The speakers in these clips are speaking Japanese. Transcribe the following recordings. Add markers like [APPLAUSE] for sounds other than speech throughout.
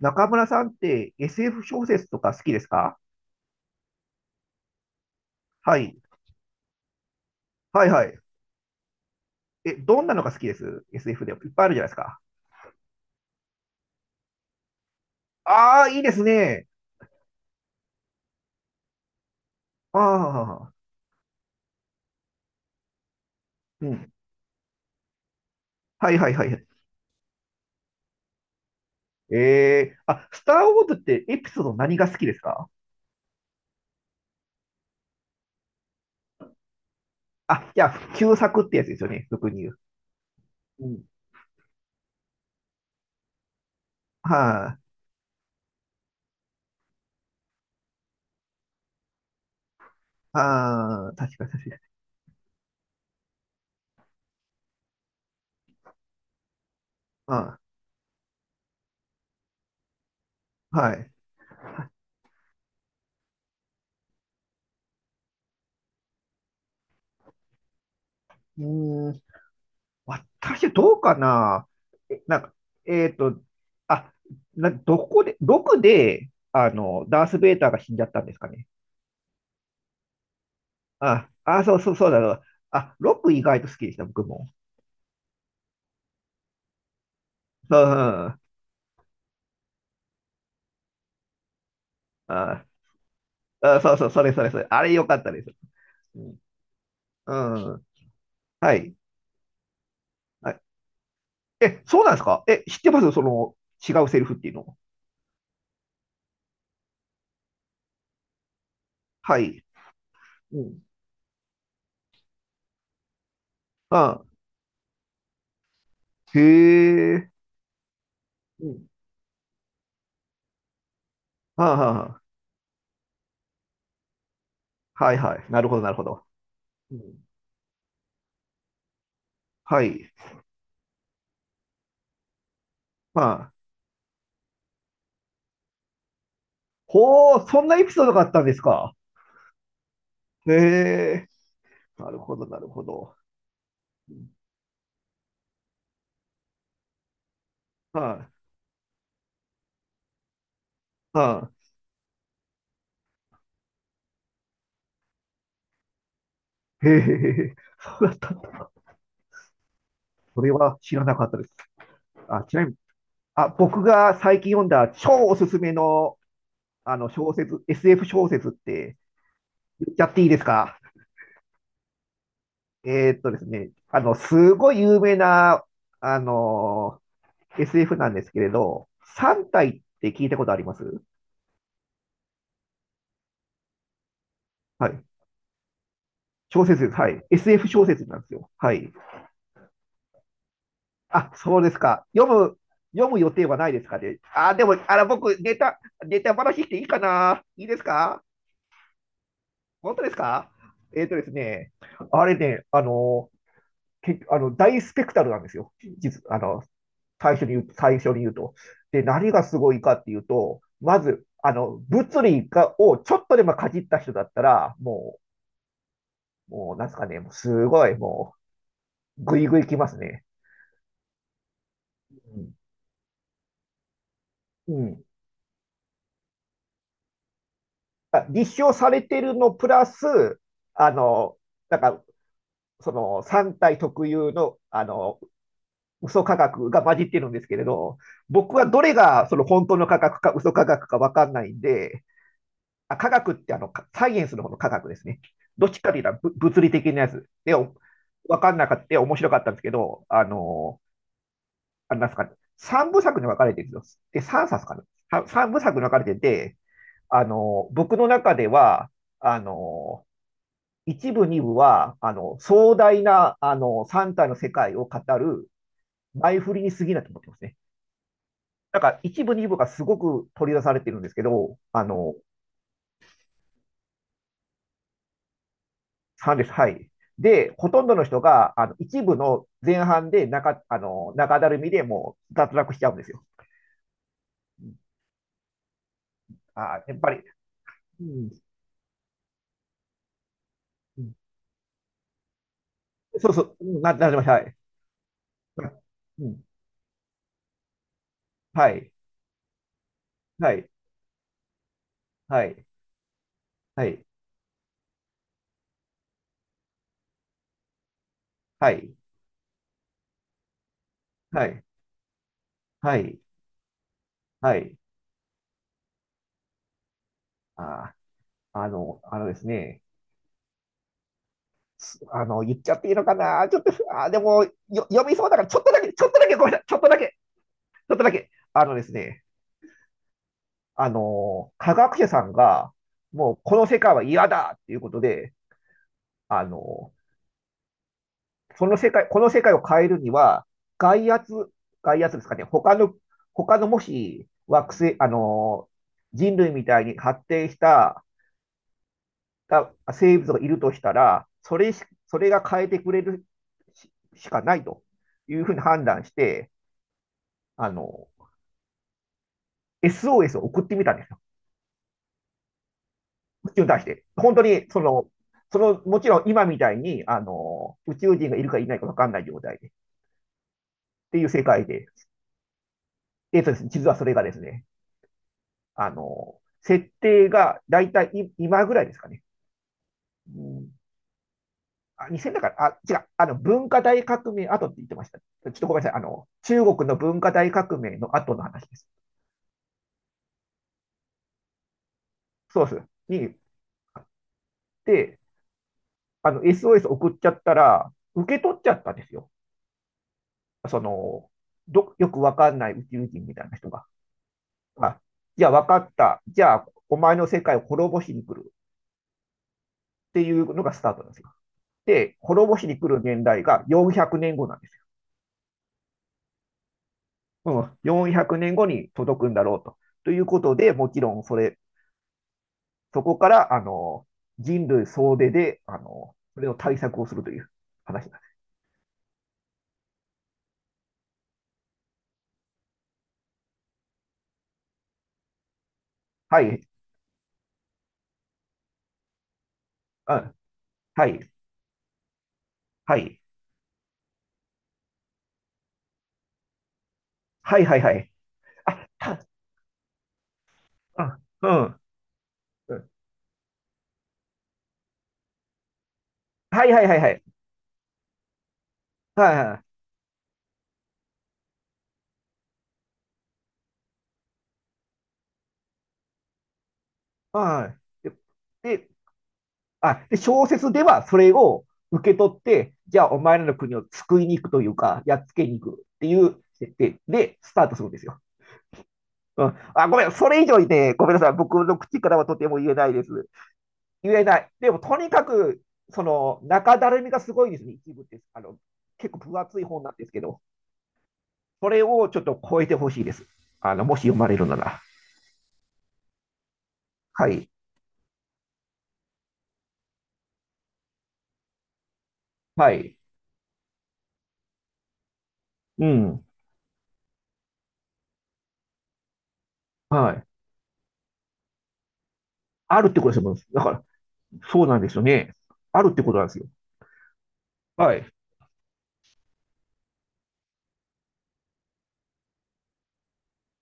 中村さんって SF 小説とか好きですか？はい。はいはい。え、どんなのが好きです？ SF でいっぱいあるじゃないですか。ああ、いいですね。ああ、うん。はいはいはい。あ、スター・ウォーズってエピソード何が好きですか？あ、じゃあ、旧作ってやつですよね、俗に言う。うん。はい、あ。ああ、確かに確かに。あ、はい。うーん。私どうかな？なんか、えっと、あ、な、どこで、どこで、ダース・ベイダーが死んじゃったんですかね。あ、あ、そうそうそうだろう。あ、ロック意外と好きでした、僕も。うん、うん。あ、あ、そうそう、それそれそれ。あれ良かったです。うん。うん、はい。はい。え、そうなんですか？え、知ってますその、違うセリフっていうの。はい。うん。あ、へえ。うん。はあ、はあ、はいはい。なるほど、なるほど。うん。はい。まあ、ほう、そんなエピソードがあったんですか。へえ、なるほど、なるほど。はい、はい。へえ、そうだったんだ。それは知らなかったです。あ、ちなみに、あ、僕が最近読んだ超おすすめの、あの小説、SF 小説って言っちゃっていいですか？ですね、すごい有名な、あの SF なんですけれど、三体って聞いたことあります？はい。小説です。はい。SF 小説なんですよ。はい。あ、そうですか。読む予定はないですかね。あ、でも、あら、僕、ネタ話していいかな、いいですか？本当ですか？ですね、あれね、あの、け、あの、大スペクタルなんですよ。実、あの、最初に言う、最初に言うと。で、何がすごいかっていうと、まず、物理をちょっとでもかじった人だったら、もう、もう、なんですかね、もうすごい、もう、ぐいぐいきますね。うん。うん。あ、立証されてるのプラス、あの、なんか、その3体特有の、嘘科学が混じってるんですけれど、僕はどれがその本当の科学か嘘科学かわかんないんで、あ、科学ってサイエンスの方の科学ですね。どっちかというと物理的なやつで、わかんなかった、面白かったんですけど、あれなんですかね、3部作に分かれてるんですよ。で、3冊かな。3部作に分かれてて、僕の中では、あの、一部、二部は、壮大な、三体の世界を語る前振りに過ぎないと思ってますね。だから、一部、二部がすごく取り出されてるんですけど、3です。はい。で、ほとんどの人が、一部の前半で中、あの、中だるみでもう脱落しちゃうんですよ。うん。あ、やっぱり、うん、うん、そうそう、うんなりました。はい。うん、はい、はい、はい、はい、はい、はい、はい、はい、あー、あの、あのですね、あの、言っちゃっていいのかなちょっと、あ、でも、読みそうだから、ちょっとだけ、ちょっとだけ、ごめんなさい、ちょっとだけ、ちょっとだけ。あのですね、あの、科学者さんが、もう、この世界は嫌だっていうことで、あの、その世界、この世界を変えるには、外圧、外圧ですかね、他のもし、惑星、人類みたいに発展した生物がいるとしたら、それが変えてくれるしかないというふうに判断して、あの、SOS を送ってみたんですよ。宇宙に対して。本当に、その、もちろん今みたいに、宇宙人がいるかいないか分かんない状態で、っていう世界で。ですね、実はそれがですね、設定が大体今ぐらいですかね。うん、あ、2000だから、あ、違う、文化大革命後って言ってました。ちょっとごめんなさい。中国の文化大革命の後の話です。そうです。に、あって、あの、SOS 送っちゃったら、受け取っちゃったんですよ。その、よくわかんない宇宙人みたいな人が、あ、じゃあわかった。じゃあ、お前の世界を滅ぼしに来るっていうのがスタートなんですよ。で、滅ぼしに来る年代が400年後なんですよ。うん、400年後に届くんだろうと。ということで、もちろんそこから、人類総出で、それの対策をするという話なんです。はい、うん、はい、はい、はい、はい、はい。あ、うん、うん、はい、はい、はい、はい、はい、はい、はい。でで、小説ではそれを受け取って、じゃあお前らの国を救いに行くというか、やっつけに行くっていう設定でスタートするんですよ。うん、あ、ごめん、それ以上にね、ごめんなさい、僕の口からはとても言えないです。言えない。でも、とにかく、その、中だるみがすごいですね、一部って。結構分厚い本なんですけど、それをちょっと超えてほしいです。もし読まれるなら。はい。はい。うん。はい。あるってことですもん。だから、そうなんですよね。あるってことなんですよ。はい。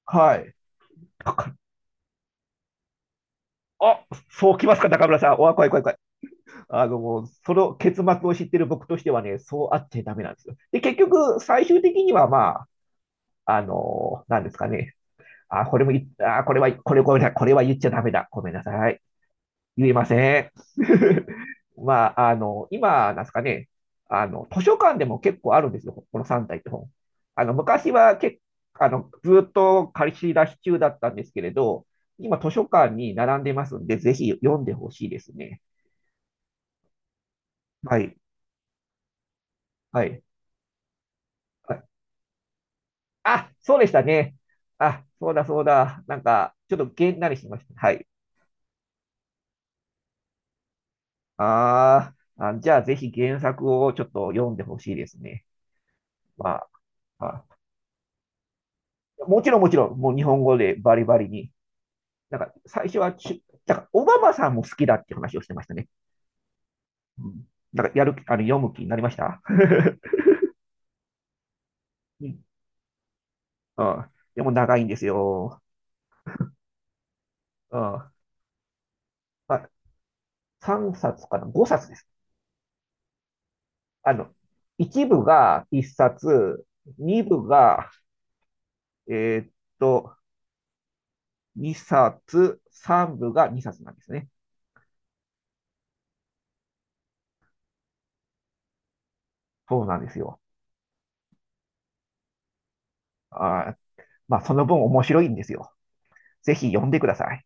はい。あ、そうきますか、中村さん。おわ、怖い怖い怖い。その結末を知ってる僕としてはね、そうあっちゃダメなんですよ。で、結局、最終的にはまあ、なんですかね。あ、これもい、あ、これは、これ、これ、これは言っちゃダメだ。ごめんなさい。言えません。[LAUGHS] まあ、今、なんですかね、図書館でも結構あるんですよ、この3体って本。昔は結あの、ずっと借り出し中だったんですけれど、今図書館に並んでますんで、ぜひ読んでほしいですね。はい。はい。はい。あ、そうでしたね。あ、そうだそうだ。なんか、ちょっとげんなりしました。はい。あーあ、じゃあぜひ原作をちょっと読んでほしいですね。まあ、あ、もちろんもちろん、もう日本語でバリバリに。なんか最初はだからオバマさんも好きだって話をしてましたね。うん。なんかやる、あの、読む気になりました。 [LAUGHS] うん。うん。でも長いんですよ。うん。まあ、3冊かな？ 5 冊です。あの、1部が1冊、2部が、えーっと、2冊、3部が2冊なんですね。そうなんですよ。あー、まあ、その分面白いんですよ。ぜひ読んでください。